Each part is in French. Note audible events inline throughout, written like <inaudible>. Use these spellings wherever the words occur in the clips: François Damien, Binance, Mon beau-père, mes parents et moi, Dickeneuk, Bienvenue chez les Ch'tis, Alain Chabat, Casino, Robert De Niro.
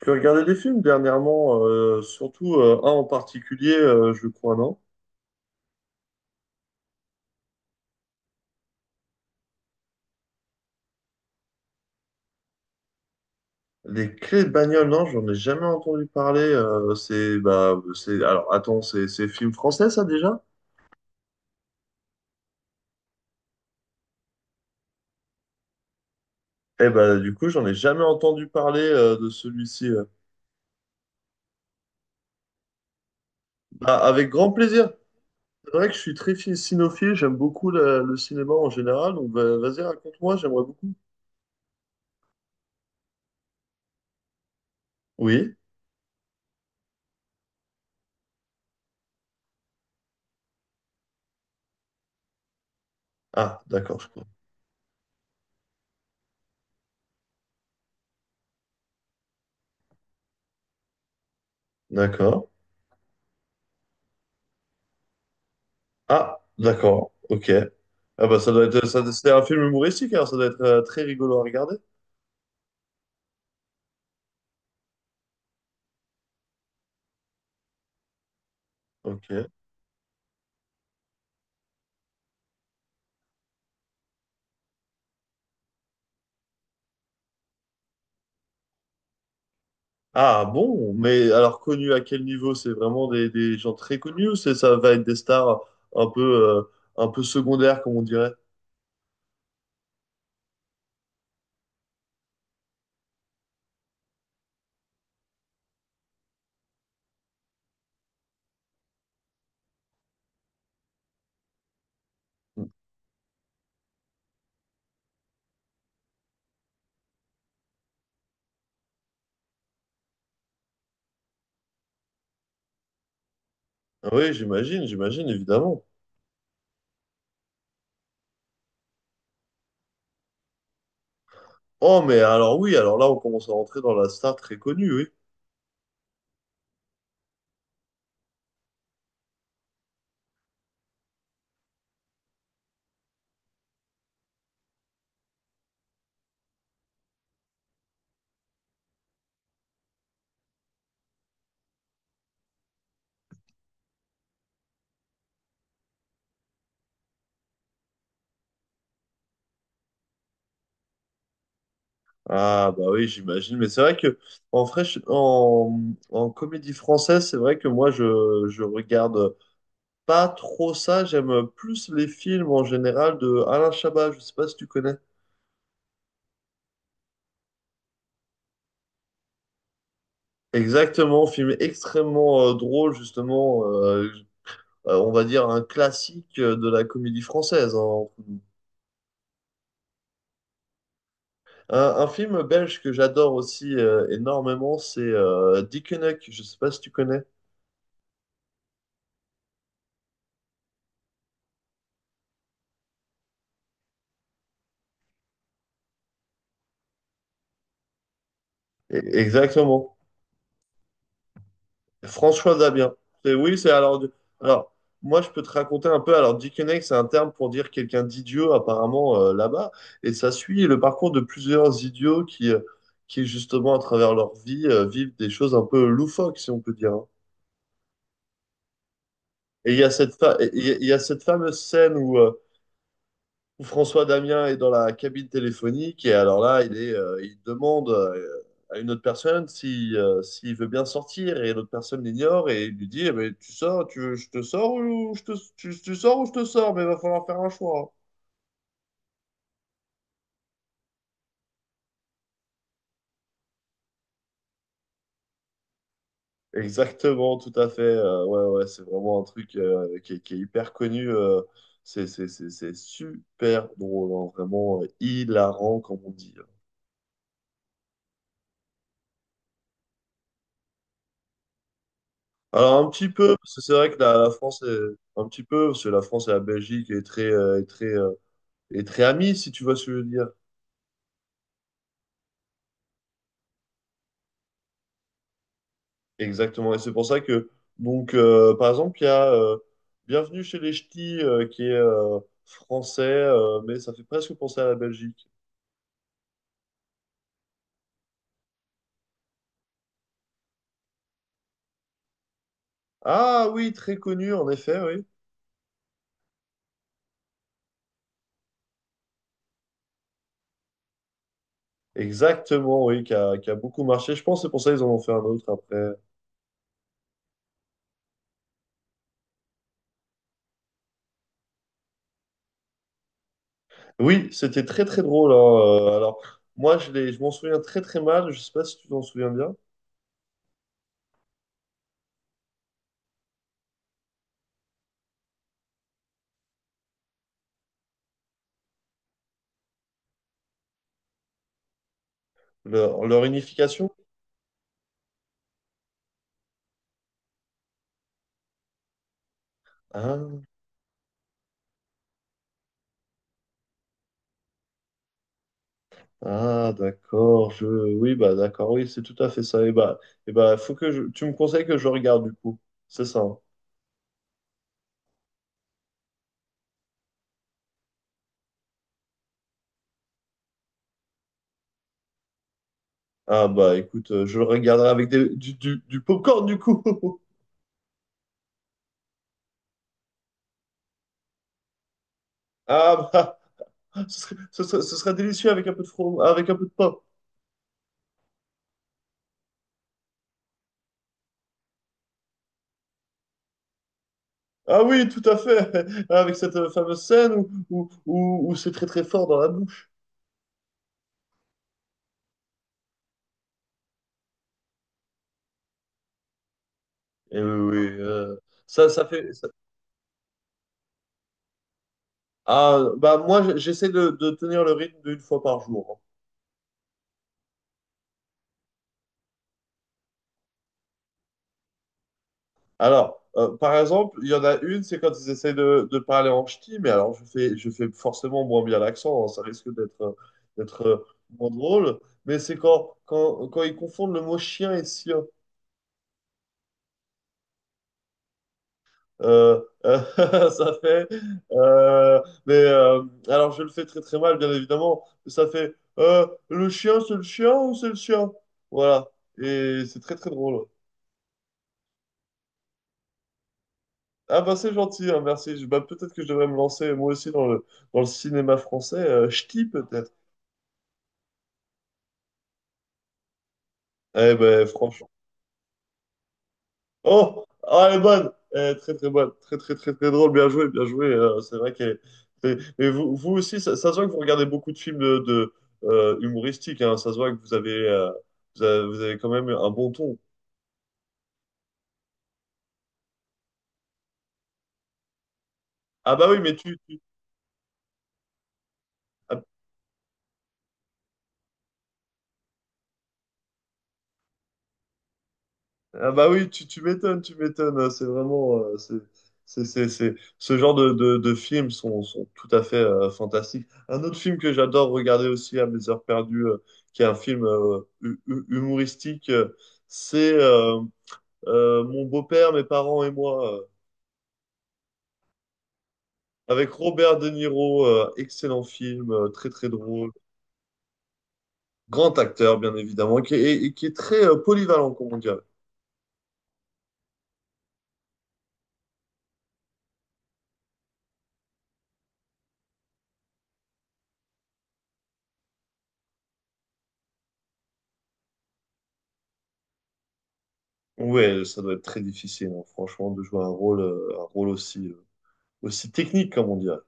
Tu as regardé des films dernièrement, surtout un en particulier, je crois, non? Les clés de bagnole, non, j'en ai jamais entendu parler. C'est, bah, c'est, alors attends, c'est film français ça déjà? Eh bah, du coup, j'en ai jamais entendu parler de celui-ci. Bah, avec grand plaisir. C'est vrai que je suis cinéphile, j'aime beaucoup le cinéma en général, donc bah, vas-y, raconte-moi, j'aimerais beaucoup. Oui? Ah, d'accord, je crois. D'accord. Ah, d'accord, ok. Ah bah ça doit être, ça, c'est un film humoristique, alors ça doit être très rigolo à regarder. Ok. Ah bon, mais alors connu à quel niveau? C'est vraiment des gens très connus ou c'est ça va être des stars un peu, euh, un peu secondaires, comme on dirait? Ah oui, j'imagine, j'imagine, évidemment. Oh, mais alors oui, alors là, on commence à rentrer dans la star très connue, oui. Ah bah oui, j'imagine. Mais c'est vrai que en, fraîche- en, en comédie française, c'est vrai que moi, je regarde pas trop ça. J'aime plus les films en général de Alain Chabat. Je sais pas si tu connais. Exactement, film extrêmement drôle, justement. On va dire un classique de la comédie française, hein, entre nous. Un film belge que j'adore aussi énormément, c'est Dickeneuk. Je sais pas si tu connais. E- Exactement. François Dabien. C'est- oui, c'est alors. Alors, moi, je peux te raconter un peu. Alors, Dickeneck, c'est un terme pour dire quelqu'un d'idiot, apparemment, là-bas. Et ça suit le parcours de plusieurs idiots qui justement, à travers leur vie, vivent des choses un peu loufoques, si on peut dire, hein. Et il y a cette fa- et il y a cette fameuse scène où François Damien est dans la cabine téléphonique et alors là, il demande à une autre personne si s'il veut bien sortir et l'autre personne l'ignore et il lui dit, eh ben, tu sors, tu veux, je te sors tu, tu sors ou je te sors, mais il va falloir faire un choix. Exactement, tout à fait. Ouais, ouais, c'est vraiment un truc est qui est hyper connu. C'est super drôle, hein, vraiment hilarant, comme on dit, hein. Alors un petit peu, parce que c'est vrai que la France est un petit peu, parce que la France et la Belgique est très amies, si tu vois ce que je veux dire. Exactement. Et c'est pour ça que, donc, par exemple, il y a Bienvenue chez les Ch'tis, qui est français, mais ça fait presque penser à la Belgique. Ah oui, très connu, en effet, oui. Exactement, oui, qui a beaucoup marché. Je pense que c'est pour ça qu'ils en ont fait un autre après. Oui, c'était très très drôle, hein. Alors, je m'en souviens très très mal. Je sais pas si tu t'en souviens bien. Leur unification? Ah, ah, d'accord, je... Oui, bah d'accord, oui, c'est tout à fait ça. Et bah, faut que je... Tu me conseilles que je regarde, du coup. C'est ça, hein. Ah bah, écoute, je le regarderai avec du popcorn, du coup. <laughs> Ah bah, ce serait, ce serait, ce serait délicieux avec un peu de from avec un peu de pain. Ah oui, tout à fait. <laughs> Avec cette fameuse scène où c'est très très fort dans la bouche. Et oui, oui, ça fait... ça- Ah, bah moi, j'essaie de tenir le rythme d'une fois par jour, hein. Alors, par exemple, il y en a une, c'est quand ils essayent de parler en ch'ti, mais alors je fais forcément moins bien l'accent, hein, ça risque d'être moins drôle, mais c'est quand, quand, quand ils confondent le mot chien et sien. Euh, euh, <laughs> Ça fait. euh, mais euh, alors, je le fais très très mal, bien évidemment, mais ça fait le chien, c'est le chien ou c'est le chien? Voilà, et c'est très très drôle. Ah bah c'est gentil, hein, merci. Je- bah, peut-être que je devrais me lancer moi aussi dans le cinéma français. Ch'ti peut-être. Eh ben franchement. Oh, ah, elle est bonne. Eh, très très bonne. Très très très très drôle. Bien joué, bien joué. C'est vrai qu'elle est- est- Et vous, vous aussi, ça se voit que vous regardez beaucoup de films humoristiques, hein. Ça se voit que vous avez, vous avez quand même un bon ton. Ah bah oui, mais tu- Ah bah oui, tu m'étonnes, tu m'étonnes, hein. C'est vraiment, c'est- ce genre de films sont, sont tout à fait fantastiques. Un autre film que j'adore regarder aussi à mes heures perdues, qui est un film humoristique, c'est Mon beau-père, mes parents et moi, avec Robert De Niro. Euh, excellent film, très très drôle, grand acteur bien évidemment, qui est, et qui est très polyvalent, comme on dirait. Ouais, ça doit être très difficile, hein, franchement, de jouer un rôle aussi, aussi technique, comme on dirait.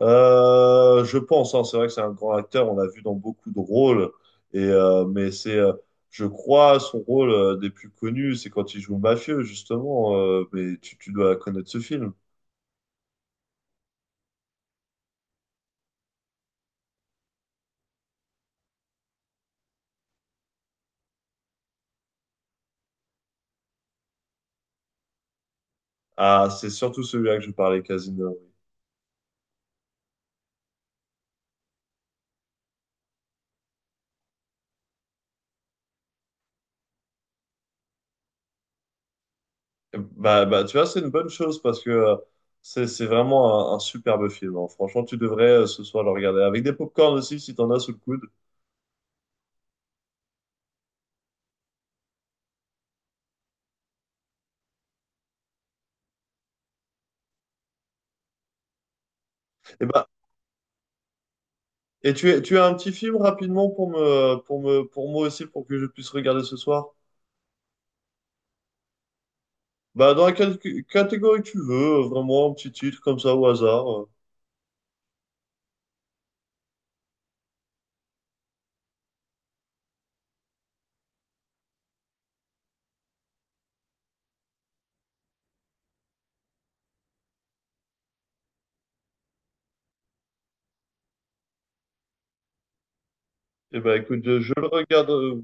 Je pense, hein, c'est vrai que c'est un grand acteur, on l'a vu dans beaucoup de rôles, et, euh, mais c'est, euh, je crois, son rôle des plus connus, c'est quand il joue mafieux, justement, mais tu dois connaître ce film. Ah, c'est surtout celui-là que je parlais, Casino. Bah, bah, tu vois, c'est une bonne chose, parce que c'est vraiment un superbe film, hein. Franchement, tu devrais ce soir le regarder, avec des pop aussi, si t'en as sous le coude. Et ben, et tu, es- tu as un petit film rapidement pour me, pour me, pour moi aussi, pour que je puisse regarder ce soir? Bah, dans la cat- catégorie que tu veux, vraiment un petit titre comme ça au hasard. Et ben écoute, je le regarde. Euh,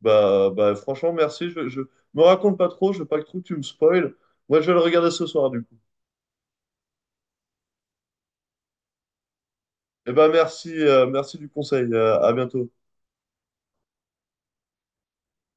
bah, bah, franchement, merci. Je me raconte pas trop, je veux pas que trop tu me spoil. Moi, je vais le regarder ce soir, du coup. Et ben merci, merci du conseil. Euh, à bientôt.